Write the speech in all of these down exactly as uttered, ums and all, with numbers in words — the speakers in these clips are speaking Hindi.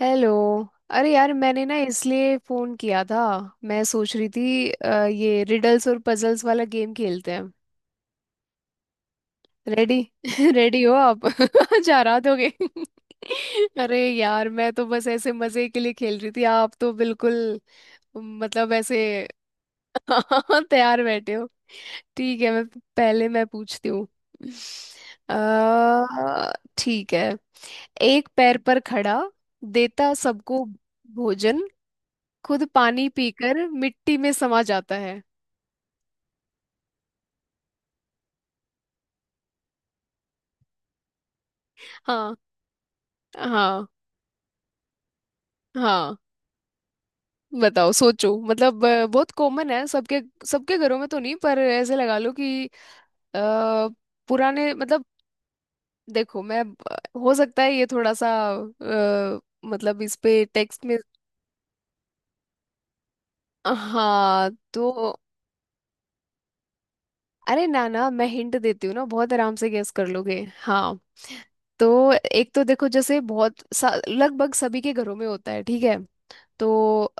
हेलो। अरे यार, मैंने ना इसलिए फ़ोन किया था। मैं सोच रही थी अ, ये रिडल्स और पजल्स वाला गेम खेलते हैं। रेडी। रेडी हो आप? जा रहा दोगे? अरे यार, मैं तो बस ऐसे मज़े के लिए खेल रही थी, आप तो बिल्कुल मतलब ऐसे। तैयार बैठे हो। ठीक है। मैं पहले मैं पूछती हूँ। अ, ठीक है। एक पैर पर खड़ा, देता सबको भोजन, खुद पानी पीकर मिट्टी में समा जाता है। हाँ। हाँ। हाँ। बताओ, सोचो। मतलब अ, बहुत कॉमन है, सबके सबके घरों में तो नहीं, पर ऐसे लगा लो कि अ, पुराने मतलब, देखो मैं, हो सकता है ये थोड़ा सा अ, मतलब इस पे टेक्स्ट में। हाँ तो। अरे ना ना, मैं हिंट देती हूँ ना, बहुत आराम से गेस कर लोगे हाँ। तो एक तो देखो, जैसे बहुत सा- लगभग सभी के घरों में होता है, ठीक है। तो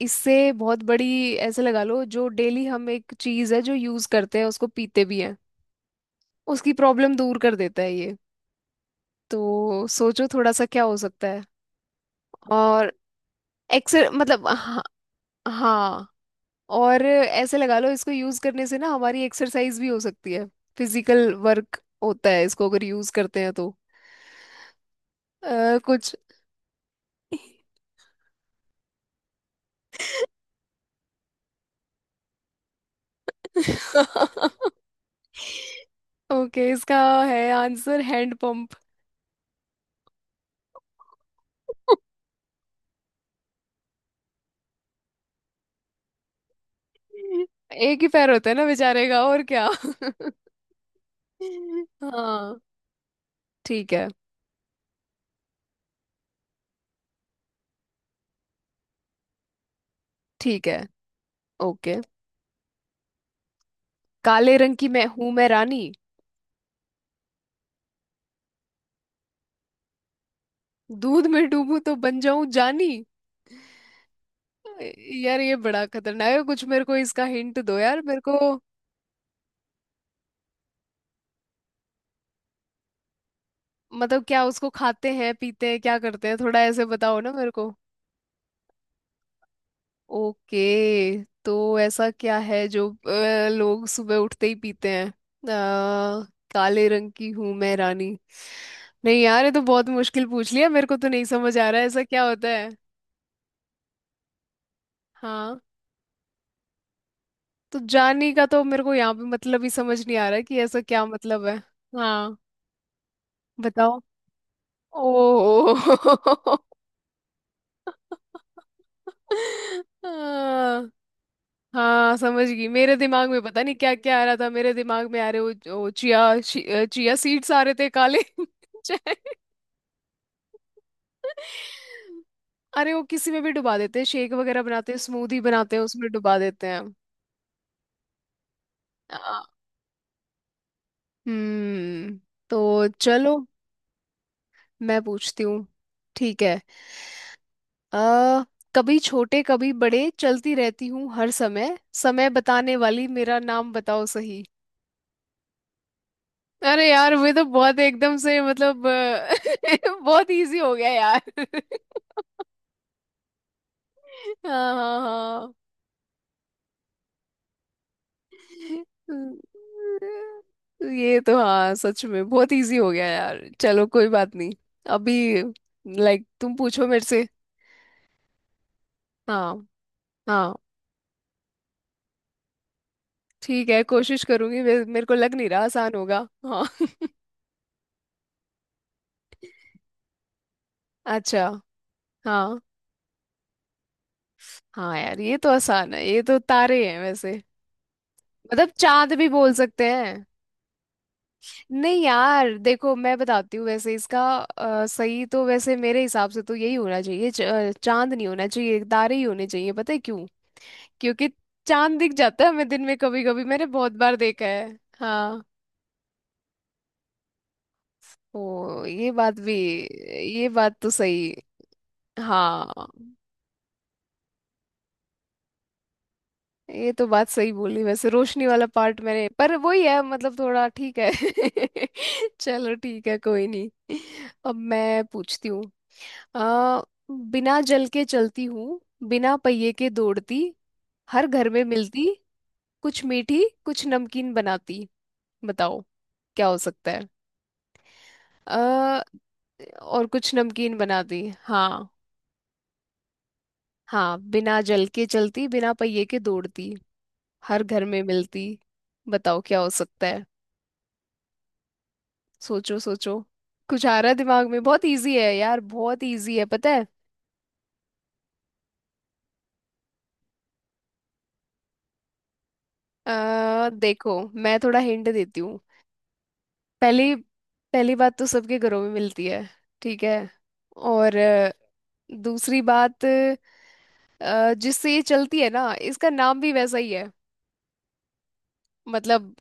इससे बहुत बड़ी, ऐसे लगा लो, जो डेली हम एक चीज है जो यूज करते हैं, उसको पीते भी हैं, उसकी प्रॉब्लम दूर कर देता है ये। तो सोचो थोड़ा सा, क्या हो सकता है। और एक्सर मतलब। हाँ, हाँ। और ऐसे लगा लो, इसको यूज करने से ना हमारी एक्सरसाइज भी हो सकती है, फिजिकल वर्क होता है इसको अगर यूज करते हैं तो अ, कुछ। ओके, इसका है आंसर हैंड पंप। एक ही पैर होता है ना बेचारे का, और क्या। हाँ। ठीक है। ठीक है। ओके। काले रंग की मैं हूं, मैं रानी। दूध में डूबूं तो बन जाऊं जानी। यार ये बड़ा खतरनाक है कुछ, मेरे को इसका हिंट दो यार मेरे को। मतलब क्या उसको खाते हैं, पीते हैं, क्या करते हैं, थोड़ा ऐसे बताओ ना मेरे को। ओके, तो ऐसा क्या है जो अ, लोग सुबह उठते ही पीते हैं। अ, काले रंग की हूं मैं रानी। नहीं यार, ये तो बहुत मुश्किल पूछ लिया, मेरे को तो नहीं समझ आ रहा है ऐसा क्या होता है। हाँ। तो जानी का तो मेरे को यहाँ पे मतलब ही समझ नहीं आ रहा है कि ऐसा क्या मतलब है। हाँ बताओ। ओ। हाँ। हाँ, समझ गई, मेरे दिमाग में पता नहीं क्या क्या आ रहा था, मेरे दिमाग में आ रहे वो, वो चिया, चिया सीड्स आ रहे थे काले। चाय। अरे वो किसी में भी डुबा देते हैं, शेक वगैरह बनाते हैं, स्मूदी बनाते हैं उसमें डुबा देते हैं। आ, हम्म तो चलो, मैं पूछती हूँ। ठीक है। अ कभी छोटे, कभी बड़े, चलती रहती हूँ हर समय, समय बताने वाली मेरा नाम बताओ सही। अरे यार, वे तो बहुत एकदम से मतलब अ, बहुत इजी हो गया यार। हाँ। हाँ। हाँ। हम्म। ये तो हाँ, सच में बहुत इजी हो गया यार, चलो कोई बात नहीं। अभी लाइक तुम पूछो मेरे से। हाँ। हाँ। ठीक है, कोशिश करूंगी, मे- मेरे को लग नहीं रहा आसान होगा हाँ। अच्छा। हाँ। हाँ यार, ये तो आसान है, ये तो तारे हैं वैसे। मतलब चांद भी बोल सकते हैं। नहीं यार देखो, मैं बताती हूँ वैसे इसका, अ, सही तो वैसे मेरे हिसाब से तो यही होना चाहिए, च- अ, चांद नहीं होना चाहिए, तारे ही होने चाहिए। पता है क्यों? क्योंकि चांद दिख जाता है हमें दिन में, कभी कभी मैंने बहुत बार देखा है। हाँ। ओ ये बात भी, ये बात तो सही। हाँ, ये तो बात सही बोली वैसे, रोशनी वाला पार्ट मैंने, पर वही है, मतलब थोड़ा ठीक है। चलो ठीक है, कोई नहीं। अब मैं पूछती हूँ। आ बिना जल के चलती हूँ, बिना पहिए के दौड़ती, हर घर में मिलती, कुछ मीठी कुछ नमकीन बनाती। बताओ, क्या हो सकता है। आ, और कुछ नमकीन बनाती हाँ। हाँ। बिना जल के चलती, बिना पहिए के दौड़ती, हर घर में मिलती। बताओ, क्या हो सकता है। सोचो सोचो। कुछ आ रहा है दिमाग में? बहुत इजी है यार, बहुत इजी है, पता है। आ, देखो, मैं थोड़ा हिंट देती हूँ। पहली, पहली बात तो सबके घरों में मिलती है, ठीक है। और अ, दूसरी बात, अ, जिससे ये चलती है ना, इसका नाम भी वैसा ही है। मतलब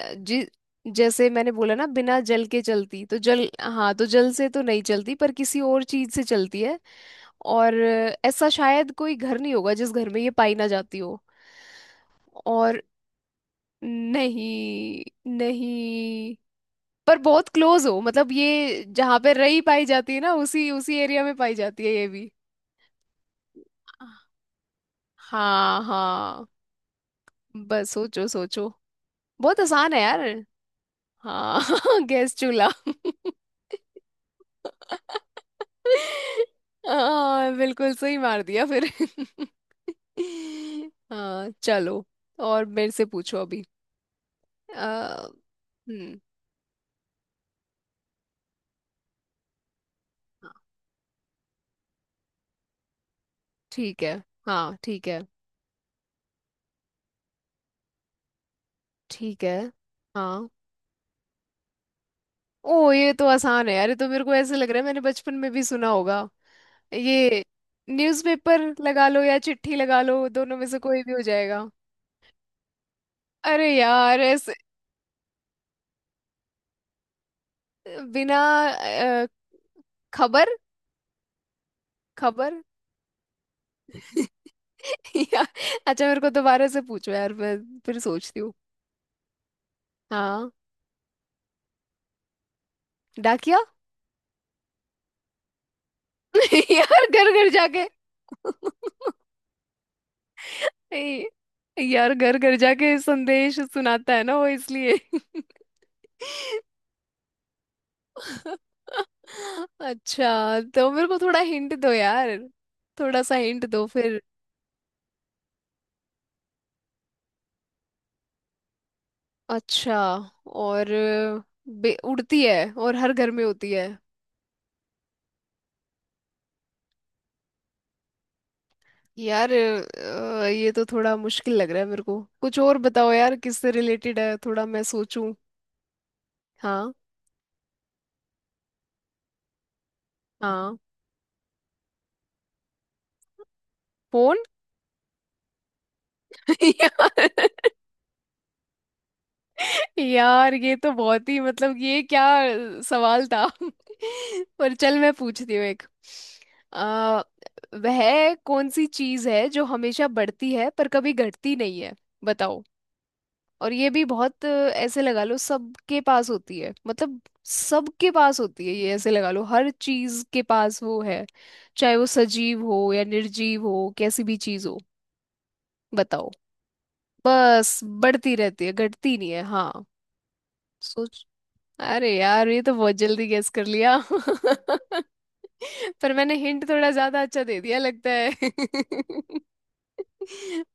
अ, जि जैसे मैंने बोला ना, बिना जल के चलती, तो जल, हाँ, तो जल से तो नहीं चलती, पर किसी और चीज से चलती है। और अ, ऐसा शायद कोई घर नहीं होगा जिस घर में ये पाई ना जाती हो। और नहीं, नहीं, पर बहुत क्लोज हो, मतलब ये जहाँ पे रई पाई जाती है ना, उसी उसी एरिया में पाई जाती है ये भी। हाँ। हाँ, बस सोचो सोचो, बहुत आसान है यार हाँ। गैस चूल्हा। हाँ, बिल्कुल सही मार दिया फिर। हाँ चलो, और मेरे से पूछो अभी। अ, हम्म। ठीक है। हाँ। ठीक है। ठीक है। हाँ। ओ, ये तो आसान है यार, ये तो मेरे को ऐसे लग रहा है मैंने बचपन में भी सुना होगा ये। न्यूज़पेपर लगा लो या चिट्ठी लगा लो, दोनों में से कोई भी हो जाएगा। अरे यार ऐसे, बिना अ, खबर। खबर। या, अच्छा मेरे को दोबारा से पूछो यार, मैं फिर सोचती हूँ। हाँ। डाकिया। यार, घर घर जाके। ए, यार घर घर जाके संदेश सुनाता है ना वो, इसलिए। अच्छा, तो मेरे को थोड़ा हिंट दो यार, थोड़ा सा हिंट दो फिर। अच्छा। और अ, बे- उड़ती है और हर घर में होती है। यार अ, ये तो थोड़ा मुश्किल लग रहा है मेरे को, कुछ और बताओ यार, किससे रिलेटेड है, थोड़ा मैं सोचूं। हाँ। हाँ। फोन। यार, यार ये तो बहुत ही मतलब, ये क्या सवाल था। पर चल, मैं पूछती हूँ एक। आ, वह कौन सी चीज है जो हमेशा बढ़ती है पर कभी घटती नहीं है? बताओ। और ये भी बहुत, अ, ऐसे लगा लो सबके पास होती है, मतलब सबके पास होती है ये, ऐसे लगा लो हर चीज के पास वो है, चाहे वो सजीव हो या निर्जीव हो, कैसी भी चीज हो। बताओ। बस बढ़ती रहती है, घटती नहीं है हाँ। सोच। अरे यार, ये तो बहुत जल्दी गेस कर लिया। पर मैंने हिंट थोड़ा ज्यादा अच्छा दे दिया लगता है।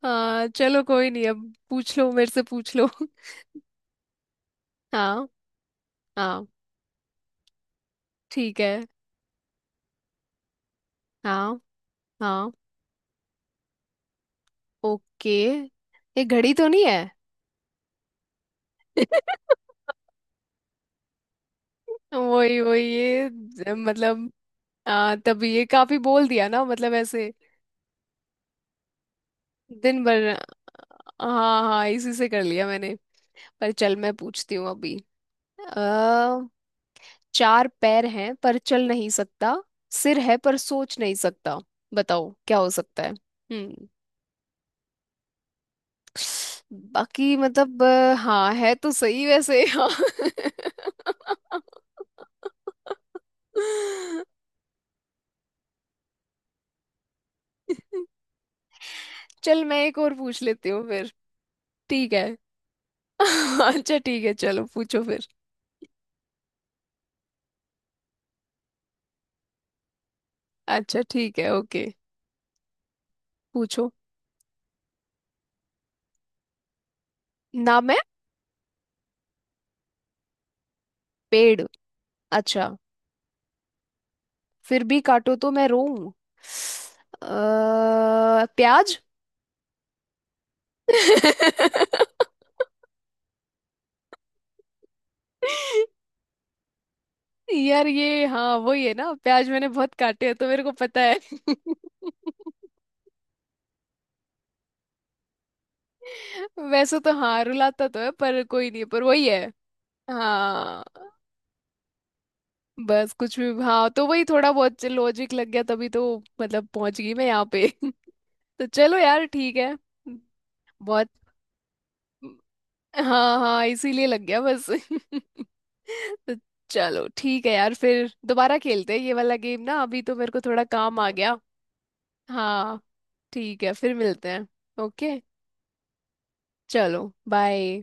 हाँ चलो कोई नहीं, अब पूछ लो मेरे से, पूछ लो। हाँ। हाँ। ठीक है। हाँ। हाँ। ओके। ये घड़ी तो नहीं है? वही, वही ये ज- मतलब आ, तभी ये काफी बोल दिया ना, मतलब ऐसे दिन भर। हाँ। हाँ, इसी से कर लिया मैंने। पर चल, मैं पूछती हूँ अभी। अ चार पैर हैं पर चल नहीं सकता, सिर है पर सोच नहीं सकता। बताओ, क्या हो सकता है। हम्म। बाकी मतलब अ, हाँ है तो सही वैसे, हाँ। चल, मैं एक और पूछ लेती हूँ फिर। ठीक है। अच्छा ठीक है, चलो पूछो फिर। अच्छा ठीक है। ओके, पूछो। ना मैं पेड़। अच्छा। फिर भी काटो तो मैं रोऊं। अ, प्याज। यार ये हाँ, वही है ना प्याज, मैंने बहुत काटे हैं तो मेरे को पता है। वैसे तो हाँ, रुलाता तो है पर, कोई नहीं, पर वही है। हाँ, बस कुछ भी, हाँ, तो वही थोड़ा बहुत लॉजिक लग गया तभी तो, मतलब पहुंच गई मैं यहाँ पे। तो चलो यार ठीक है। बहुत। हाँ। हाँ, इसीलिए लग गया बस। तो चलो ठीक है यार, फिर दोबारा खेलते हैं ये वाला गेम ना, अभी तो मेरे को थोड़ा काम आ गया। हाँ। ठीक है, फिर मिलते हैं। ओके। चलो बाय।